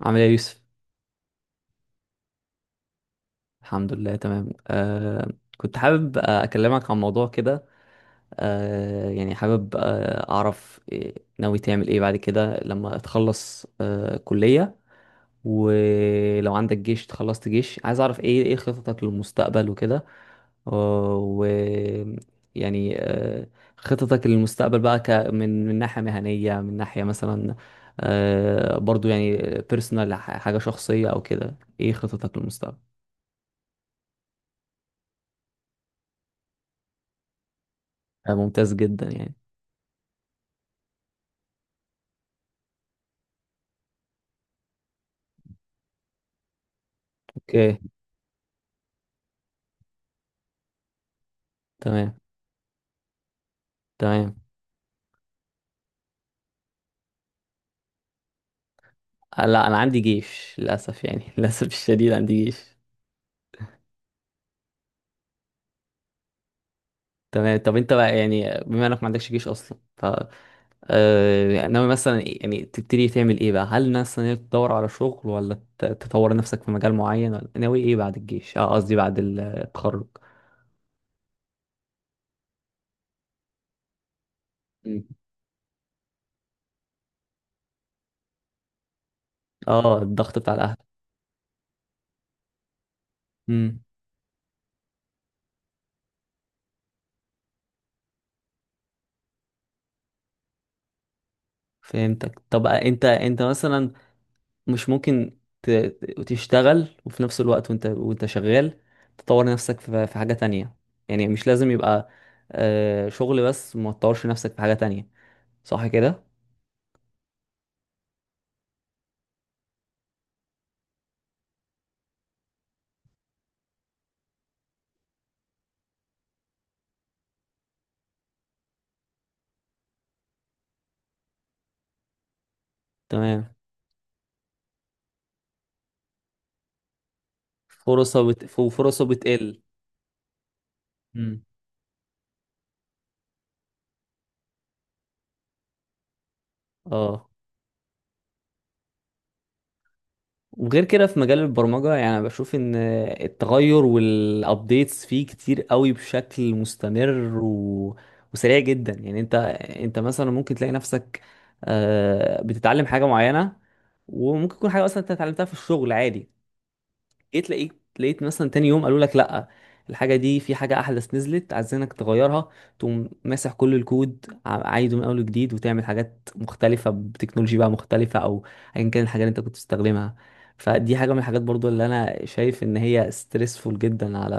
عامل ايه يا يوسف؟ الحمد لله، تمام. كنت حابب، اكلمك عن موضوع كده. يعني حابب، اعرف ناوي تعمل ايه بعد كده لما تخلص كلية، ولو عندك جيش، تخلصت جيش، عايز اعرف ايه خططك للمستقبل وكده. آه، و يعني آه خططك للمستقبل بقى، من ناحية مهنية، من ناحية مثلا برضو يعني بيرسونال، حاجة شخصية او كده، ايه خططك للمستقبل؟ ممتاز جدا يعني. اوكي. تمام. تمام. لا، انا عندي جيش للاسف يعني للاسف الشديد عندي جيش. تمام. طب انت بقى يعني، بما انك ما عندكش جيش اصلا، ف ناوي مثلا، يعني تبتدي تعمل ايه بقى؟ هل مثلا إنك تدور على شغل، ولا تطور نفسك في مجال معين، ولا ناوي ايه بعد الجيش؟ اه، قصدي بعد التخرج. مم. اه، الضغط بتاع الاهل. امم. فهمتك. طب انت، مثلا مش ممكن تشتغل وفي نفس الوقت، وانت شغال، تطور نفسك في حاجة تانية؟ يعني مش لازم يبقى شغل بس ما تطورش نفسك في حاجة تانية، صح كده؟ تمام. فرصة بتقل. مم. اه. وغير كده في مجال البرمجة، يعني أنا بشوف ان التغير والابديتس فيه كتير قوي بشكل مستمر و... وسريع جدا يعني. انت، مثلا ممكن تلاقي نفسك بتتعلم حاجة معينة، وممكن تكون حاجة اصلا انت اتعلمتها في الشغل عادي، جيت لقيت مثلا تاني يوم قالوا لك لا، الحاجه دي في حاجه احدث نزلت عايزينك تغيرها. تقوم ماسح كل الكود، عايده من اول وجديد، وتعمل حاجات مختلفه بتكنولوجي بقى مختلفه، او ايا كان الحاجه اللي انت كنت بتستخدمها. فدي حاجه من الحاجات برضو اللي انا شايف ان هي ستريسفول جدا على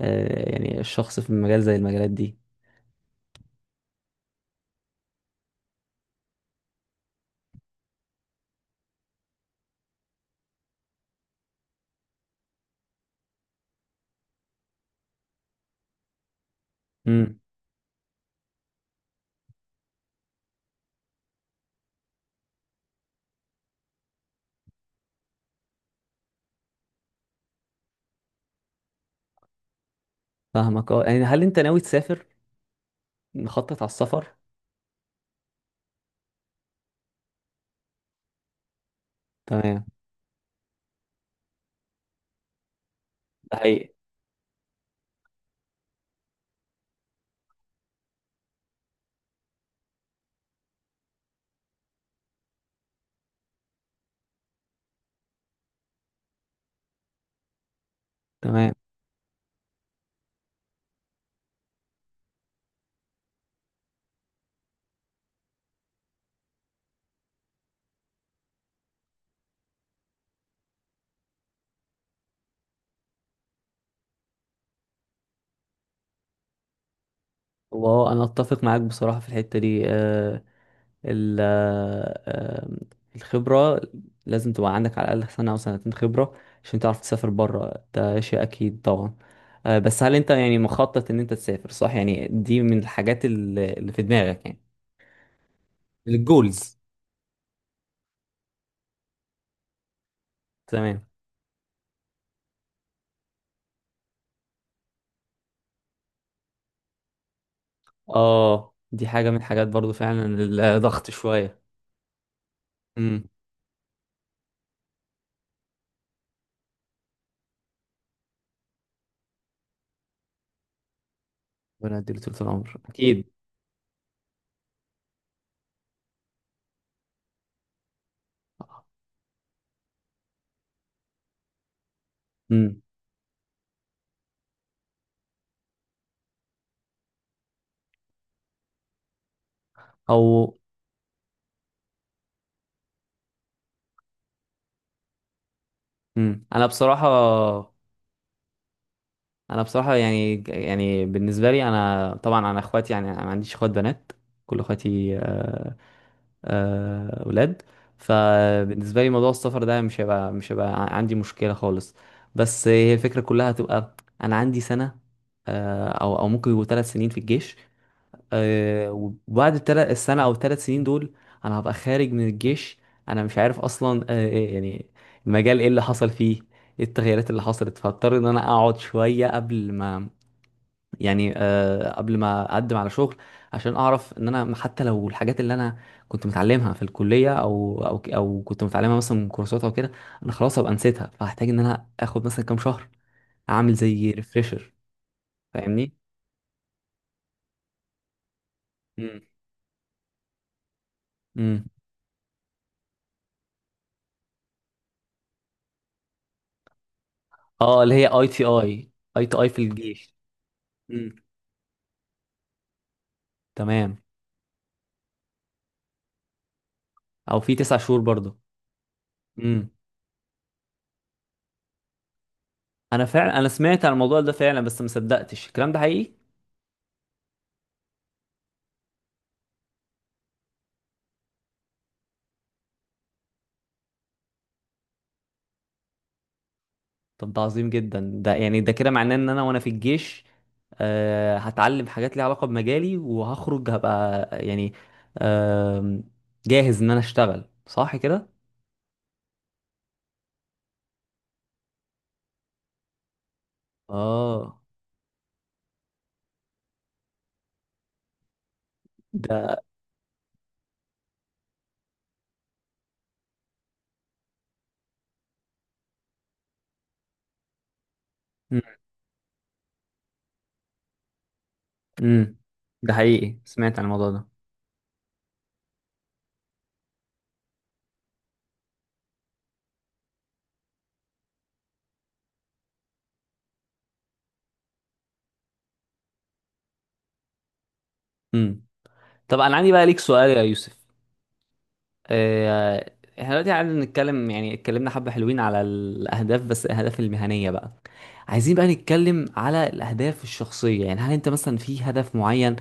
يعني الشخص في مجال زي المجالات دي. امم. فاهمك. اه يعني، هل انت ناوي تسافر؟ مخطط على السفر؟ تمام. ده حقيقي. تمام. وانا اتفق معاك بصراحه في الحته دي. آه، ال- آه، آم، الخبرة لازم تبقى عندك، على الأقل سنة أو سنتين خبرة عشان تعرف تسافر بره، ده شيء أكيد طبعا. بس هل أنت يعني مخطط إن أنت تسافر؟ صح يعني، دي من الحاجات اللي في دماغك يعني، الجولز. تمام. اه، دي حاجة من الحاجات برضو فعلا اللي ضغط شوية. امم. ربنا يديله طول العمر أكيد. امم. أو. امم. أنا بصراحة، انا بصراحه يعني، يعني بالنسبه لي، انا طبعا، انا اخواتي، يعني انا ما عنديش اخوات بنات، كل اخواتي اولاد. فبالنسبه لي موضوع السفر ده مش هيبقى عندي مشكله خالص. بس هي الفكره كلها هتبقى، انا عندي سنه او ممكن يبقوا 3 سنين في الجيش. آه، وبعد الثلاث السنه او ال3 سنين دول انا هبقى خارج من الجيش. انا مش عارف اصلا إيه يعني المجال، ايه اللي حصل فيه، ايه التغييرات اللي حصلت. فاضطر ان انا اقعد شويه قبل ما، يعني قبل ما اقدم على شغل، عشان اعرف ان انا حتى لو الحاجات اللي انا كنت متعلمها في الكليه، او كنت متعلمها مثلا من كورسات او كده، انا خلاص هبقى نسيتها، فهحتاج ان انا اخد مثلا كام شهر اعمل زي ريفريشر. فاهمني. امم. امم. اه، اللي هي اي تي اي، اي تي اي في الجيش. امم. تمام. او في 9 شهور برضه. امم. انا فعلا، انا سمعت عن الموضوع ده فعلا بس ما صدقتش الكلام ده حقيقي. طب ده عظيم جدا، ده يعني ده كده معناه ان انا وانا في الجيش هتعلم حاجات ليها علاقة بمجالي، وهخرج هبقى يعني آم، جاهز ان انا اشتغل، صح كده؟ اه. ده. امم. ده حقيقي، سمعت عن الموضوع ده. امم. طب انا عندي بقى ليك سؤال يا يوسف. آه، احنا دلوقتي قاعدين نتكلم، يعني اتكلمنا حبة حلوين على الأهداف، بس الأهداف المهنية بقى. عايزين بقى نتكلم على الأهداف الشخصية، يعني هل أنت مثلا في هدف معين،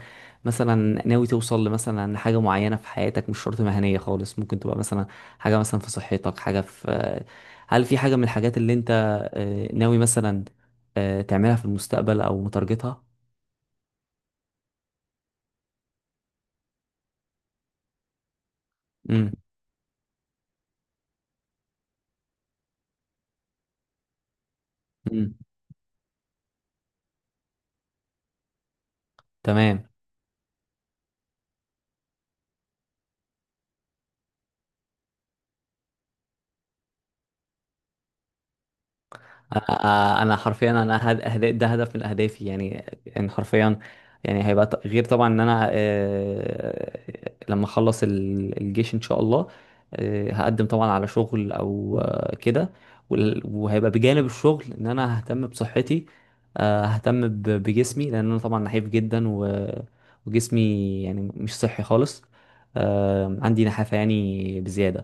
مثلا ناوي توصل لمثلا حاجة معينة في حياتك؟ مش شرط مهنية خالص، ممكن تبقى مثلا حاجة مثلا في صحتك، حاجة في هل في حاجة من الحاجات اللي أنت ناوي مثلا تعملها في المستقبل أو متارجتها؟ امم. امم. تمام. انا حرفيا، انا ده هدف من اهدافي يعني. ان حرفيا، يعني هيبقى غير طبعا، ان انا لما اخلص الجيش ان شاء الله، هقدم طبعا على شغل، او كده. وهيبقى بجانب الشغل ان انا ههتم بصحتي، ههتم بجسمي، لان انا طبعا نحيف جدا و... وجسمي يعني مش صحي خالص. عندي نحافة يعني بزيادة.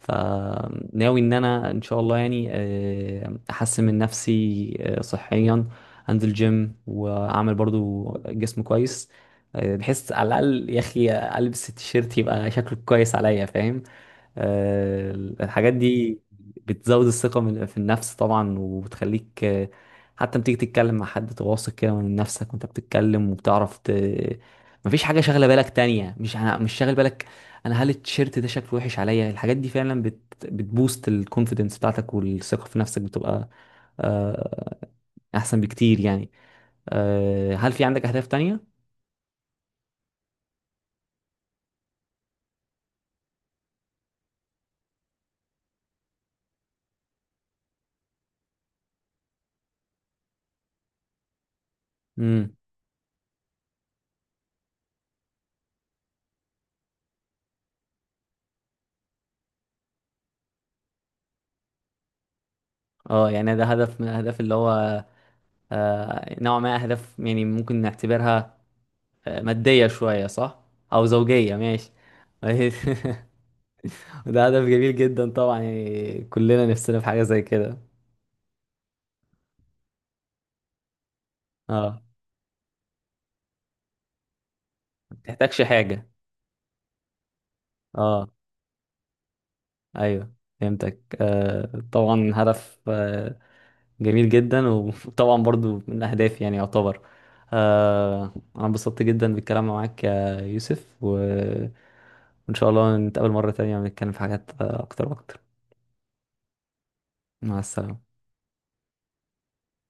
فناوي ان انا ان شاء الله يعني احسن من نفسي صحيا، انزل جيم واعمل برضو جسم كويس، بحيث على الاقل يا اخي البس التيشيرت يبقى شكله كويس عليا، فاهم؟ آه، الحاجات دي بتزود الثقة في النفس طبعا، وبتخليك حتى لما تيجي تتكلم مع حد تواثق كده من نفسك، وانت بتتكلم وبتعرف مفيش حاجة شاغلة بالك تانية. مش أنا مش شاغل بالك، انا هل التيشيرت ده شكله وحش عليا؟ الحاجات دي فعلا بتبوست الكونفيدنس بتاعتك، والثقة في نفسك بتبقى آه، احسن بكتير يعني. هل في عندك اهداف تانية؟ امم. اه يعني ده هدف من الاهداف اللي هو نوع ما أهداف، يعني ممكن نعتبرها مادية شوية، صح؟ أو زوجية، ماشي. وده هدف جميل جدا طبعا، يعني كلنا نفسنا في حاجة زي كده. اه. ما بتحتاجش حاجة. اه. ايوه. فهمتك. آه، طبعا هدف جميل جدا، وطبعا برضو من أهدافي يعني يعتبر. أنا انبسطت جدا بالكلام معاك يا يوسف و... وإن شاء الله نتقابل مرة تانية ونتكلم في حاجات أكتر وأكتر. مع السلامة.